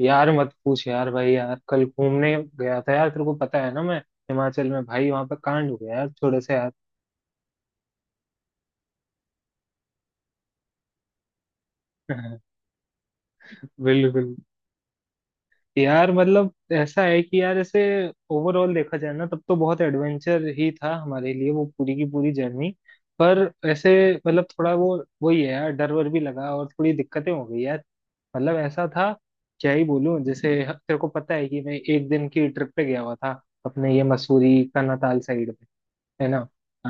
यार मत पूछ यार। भाई यार कल घूमने गया था यार, तेरे को पता है ना, मैं हिमाचल में। भाई वहां पे कांड हो गया यार थोड़े से यार। बिल्कुल। यार मतलब ऐसा है कि यार ऐसे ओवरऑल देखा जाए ना, तब तो बहुत एडवेंचर ही था हमारे लिए वो पूरी की पूरी जर्नी। पर ऐसे मतलब थोड़ा वो, वही है यार, डर वर भी लगा और थोड़ी दिक्कतें हो गई यार। मतलब ऐसा था, क्या ही बोलूं। जैसे तेरे को पता है कि मैं एक दिन की ट्रिप पे गया हुआ था अपने ये मसूरी का नताल साइड में, है ना।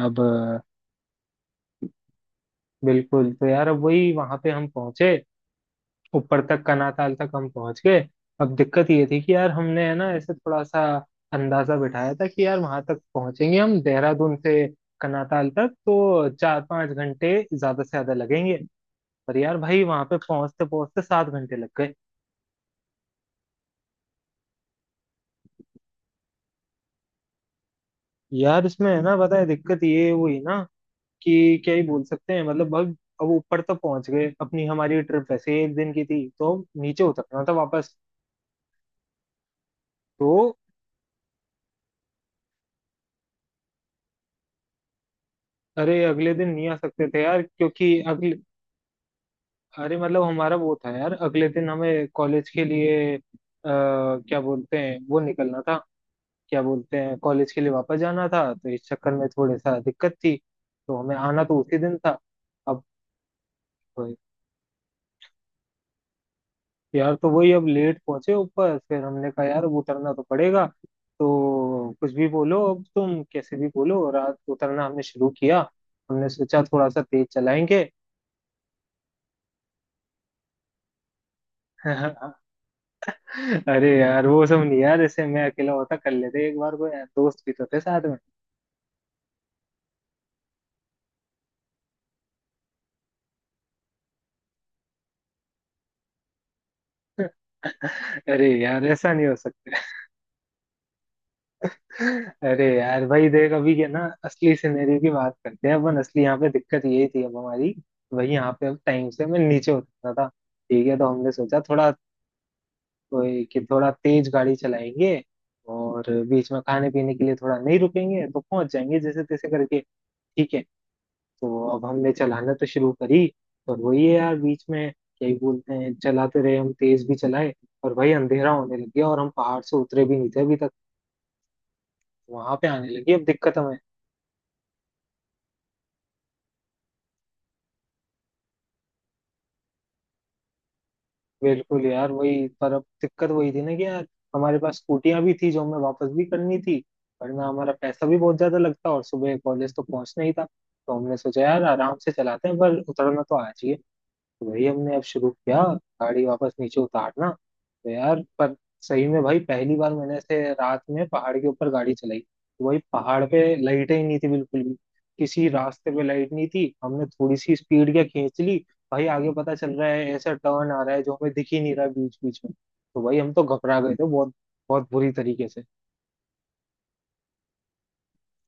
अब बिल्कुल, तो यार अब वही वहां पे हम पहुंचे, ऊपर तक कनाताल तक हम पहुंच गए। अब दिक्कत ये थी कि यार हमने है ना ऐसे थोड़ा सा अंदाजा बिठाया था कि यार वहां तक पहुंचेंगे हम देहरादून से कनाताल तक तो चार पांच घंटे ज्यादा से ज्यादा लगेंगे, पर यार भाई वहां पे पहुंचते पहुंचते सात घंटे लग गए। यार इसमें है ना, पता है दिक्कत ये हुई ना कि क्या ही बोल सकते हैं, मतलब अब ऊपर तक पहुंच गए, अपनी हमारी ट्रिप वैसे ही एक दिन की थी, तो नीचे उतरना था वापस तो। अरे अगले दिन नहीं आ सकते थे यार, क्योंकि अगले, अरे मतलब हमारा वो था यार, अगले दिन हमें कॉलेज के लिए क्या बोलते हैं, वो निकलना था, क्या बोलते हैं कॉलेज के लिए वापस जाना था, तो इस चक्कर में थोड़ी सा दिक्कत थी। तो हमें आना तो उसी दिन था। अब यार, तो वही अब लेट पहुंचे ऊपर, फिर हमने कहा यार अब उतरना तो पड़ेगा। तो कुछ भी बोलो, अब तुम कैसे भी बोलो, रात उतरना हमने शुरू किया। हमने सोचा थोड़ा सा तेज चलाएंगे। अरे यार वो सब नहीं यार, ऐसे मैं अकेला होता कर लेते एक बार को यार, दोस्त भी तो थे साथ में। अरे यार ऐसा नहीं हो सकता। अरे यार भाई देख, अभी क्या ना, असली सिनेरियो की बात करते हैं अपन। असली यहाँ पे दिक्कत यही थी अब हमारी, भाई यहाँ पे अब टाइम से मैं नीचे उतरना था। ठीक है, तो हमने सोचा थोड़ा, कि थोड़ा तेज गाड़ी चलाएंगे और बीच में खाने पीने के लिए थोड़ा नहीं रुकेंगे, तो पहुंच जाएंगे जैसे तैसे करके। ठीक है, तो अब हमने चलाना तो शुरू करी और वही है यार, बीच में क्या ही बोलते हैं, चलाते रहे हम, तेज भी चलाए। और भाई अंधेरा होने लग गया और हम पहाड़ से उतरे भी नहीं थे अभी तक। वहां पे आने लगी अब दिक्कत हमें। बिल्कुल यार, वही पर अब दिक्कत वही थी ना कि यार हमारे पास स्कूटियां भी थी जो हमें वापस भी करनी थी, वरना हमारा पैसा भी बहुत ज्यादा लगता, और सुबह कॉलेज तो पहुंचना ही था। तो हमने सोचा यार आराम से चलाते हैं, पर उतरना तो आज ही है। वही हमने अब शुरू किया, गाड़ी वापस नीचे उतारना, तो यार पर सही में भाई पहली बार मैंने ऐसे रात में पहाड़ के ऊपर गाड़ी चलाई, तो वही पहाड़ पे लाइटें ही नहीं थी बिल्कुल भी। किसी रास्ते पे लाइट नहीं थी। हमने थोड़ी सी स्पीड क्या खींच ली, भाई आगे पता चल रहा है ऐसा टर्न आ रहा है जो हमें दिख ही नहीं रहा बीच बीच में, तो भाई हम तो घबरा गए थे बहुत। बहुत बुरी तरीके से।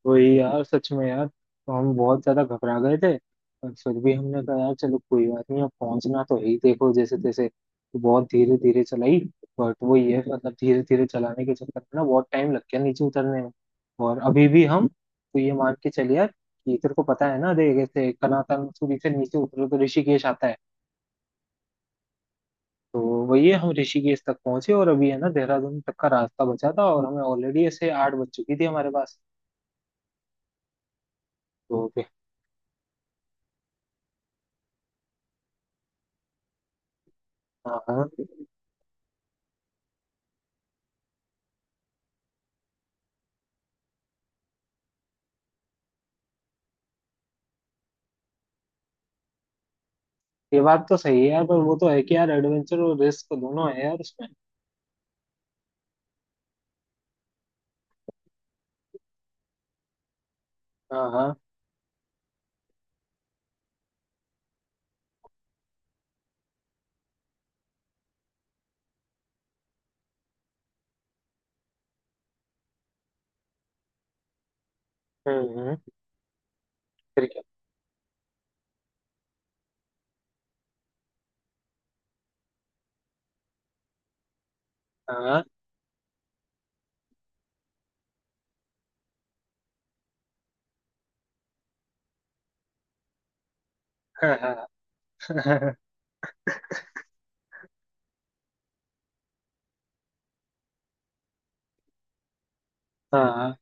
वही यार, सच में यार, तो हम बहुत ज्यादा घबरा गए थे। पर फिर भी हमने कहा यार चलो कोई बात नहीं, अब पहुंचना तो है ही, देखो जैसे तैसे, तो बहुत धीरे धीरे चलाई। बट वो ये है, मतलब धीरे धीरे चलाने के चक्कर में ना बहुत टाइम लग गया नीचे उतरने में। और अभी भी हम तो, ये मान के चलिए यार कि तेरे को पता है ना, देख ऐसे कनातन सूरी से नीचे उतरो तो ऋषिकेश आता है। तो वही है, हम ऋषिकेश तक पहुंचे और अभी है ना देहरादून तक का रास्ता बचा था, और हमें ऑलरेडी ऐसे आठ बज चुकी थी हमारे पास तो। हाँ हाँ। ये बात तो सही है यार, पर वो तो है कि यार एडवेंचर और रिस्क दोनों है यार उसमें। हाँ हाँ। हम्म हम्म, फिर क्या। हाँ हाँ। हाँ। हाँ।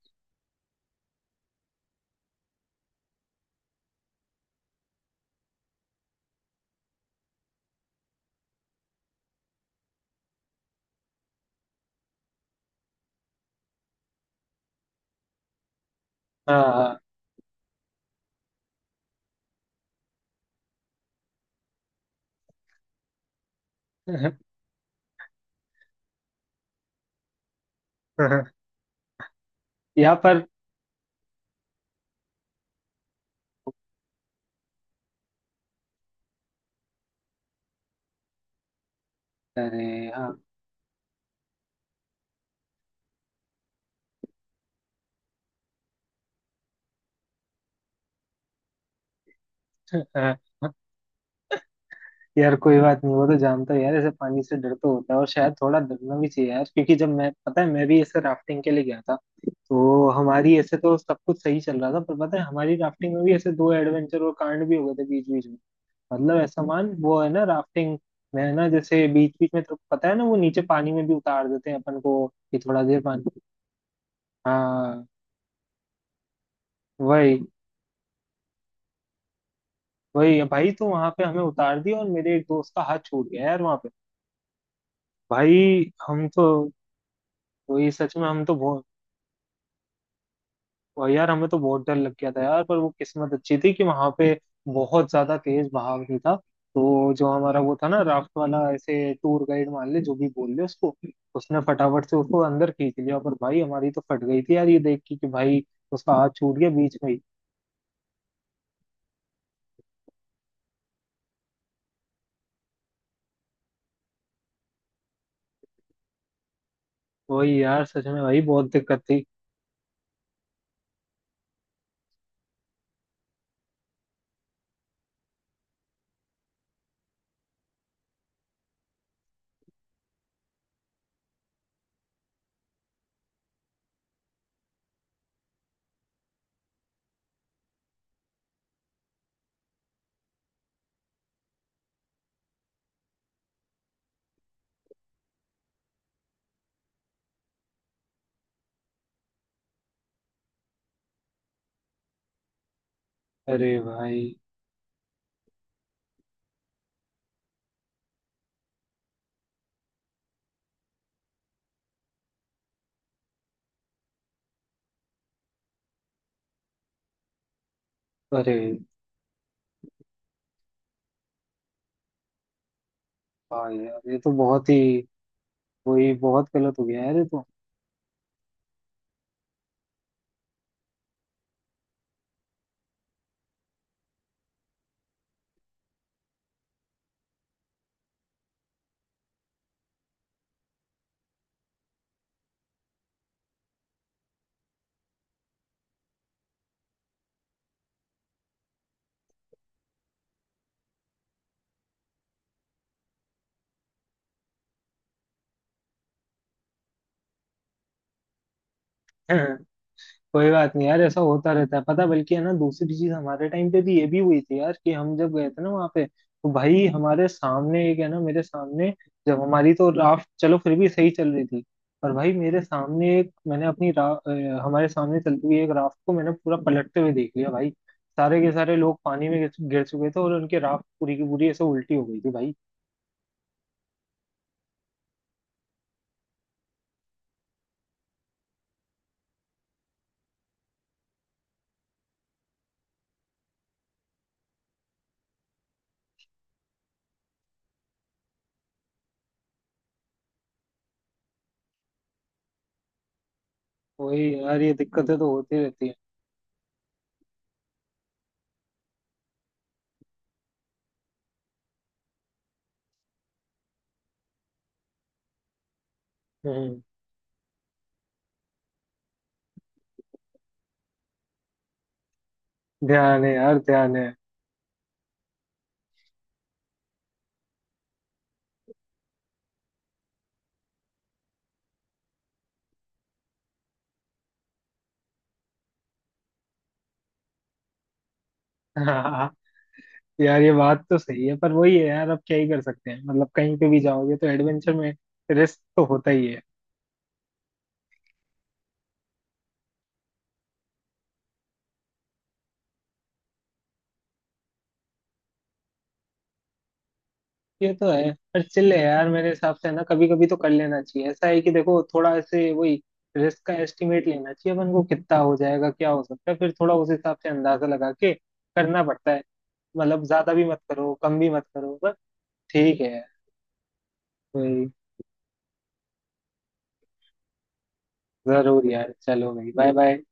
हाँ हाँ। यहाँ पर। अरे। हाँ हाँ। यार कोई बात नहीं, वो तो जानता है यार ऐसे पानी से डर तो होता है, और शायद थोड़ा डरना भी चाहिए यार। क्योंकि जब मैं, पता है मैं भी ऐसे राफ्टिंग के लिए गया था, तो हमारी ऐसे तो सब कुछ सही चल रहा था, पर पता है हमारी राफ्टिंग में भी ऐसे दो एडवेंचर और कांड भी हो गए थे बीच बीच में। मतलब ऐसा मान, वो है ना राफ्टिंग में है ना, जैसे बीच बीच में तो पता है ना, वो नीचे पानी में भी उतार देते हैं अपन को कि थोड़ा देर पानी। हाँ। वही। वही है भाई, तो वहां पे हमें उतार दिया और मेरे एक दोस्त का हाथ छूट गया यार वहां पे। भाई हम तो, वही सच में हम तो बहुत। और यार हमें तो बहुत डर लग गया था यार, पर वो किस्मत अच्छी थी कि वहां पे बहुत ज्यादा तेज बहाव नहीं था। तो जो हमारा वो था ना राफ्ट वाला, ऐसे टूर गाइड मान ले जो भी बोल ले उसको, उसने फटाफट से उसको अंदर खींच लिया। पर भाई हमारी तो फट गई थी यार ये देख के कि भाई उसका हाथ छूट गया बीच में ही। वही यार, सच में भाई बहुत दिक्कत थी। अरे भाई। अरे भाई यार ये तो बहुत ही, वही बहुत गलत हो गया यार ये तो। कोई बात नहीं यार, ऐसा होता रहता है। पता, बल्कि है ना दूसरी चीज हमारे टाइम पे भी ये भी हुई थी यार कि हम जब गए थे ना वहाँ पे, तो भाई हमारे सामने एक है ना, मेरे सामने जब हमारी तो राफ्ट चलो फिर भी सही चल रही थी, पर भाई मेरे सामने एक मैंने अपनी हमारे सामने चलती हुई एक राफ्ट को मैंने पूरा पलटते हुए देख लिया भाई। सारे के सारे लोग पानी में गिर चुके थे और उनकी राफ्ट पूरी की पूरी ऐसे उल्टी हो गई थी भाई। तो वही यार, ये दिक्कतें तो होती रहती है। हम्म। ध्यान है यार, ध्यान है। यार ये बात तो सही है, पर वही है यार अब क्या ही कर सकते हैं, मतलब कहीं पे भी जाओगे तो एडवेंचर में रिस्क तो होता ही है। ये तो है, पर चिल है यार। मेरे हिसाब से ना कभी कभी तो कर लेना चाहिए। ऐसा है कि देखो, थोड़ा ऐसे वही रिस्क का एस्टिमेट लेना चाहिए अपन को, कितना हो जाएगा, क्या हो सकता है, फिर थोड़ा उस हिसाब से अंदाजा लगा के करना पड़ता है। मतलब ज्यादा भी मत करो, कम भी मत करो, बस। ठीक है यार। वही। जरूर यार, चलो भाई, बाय बाय।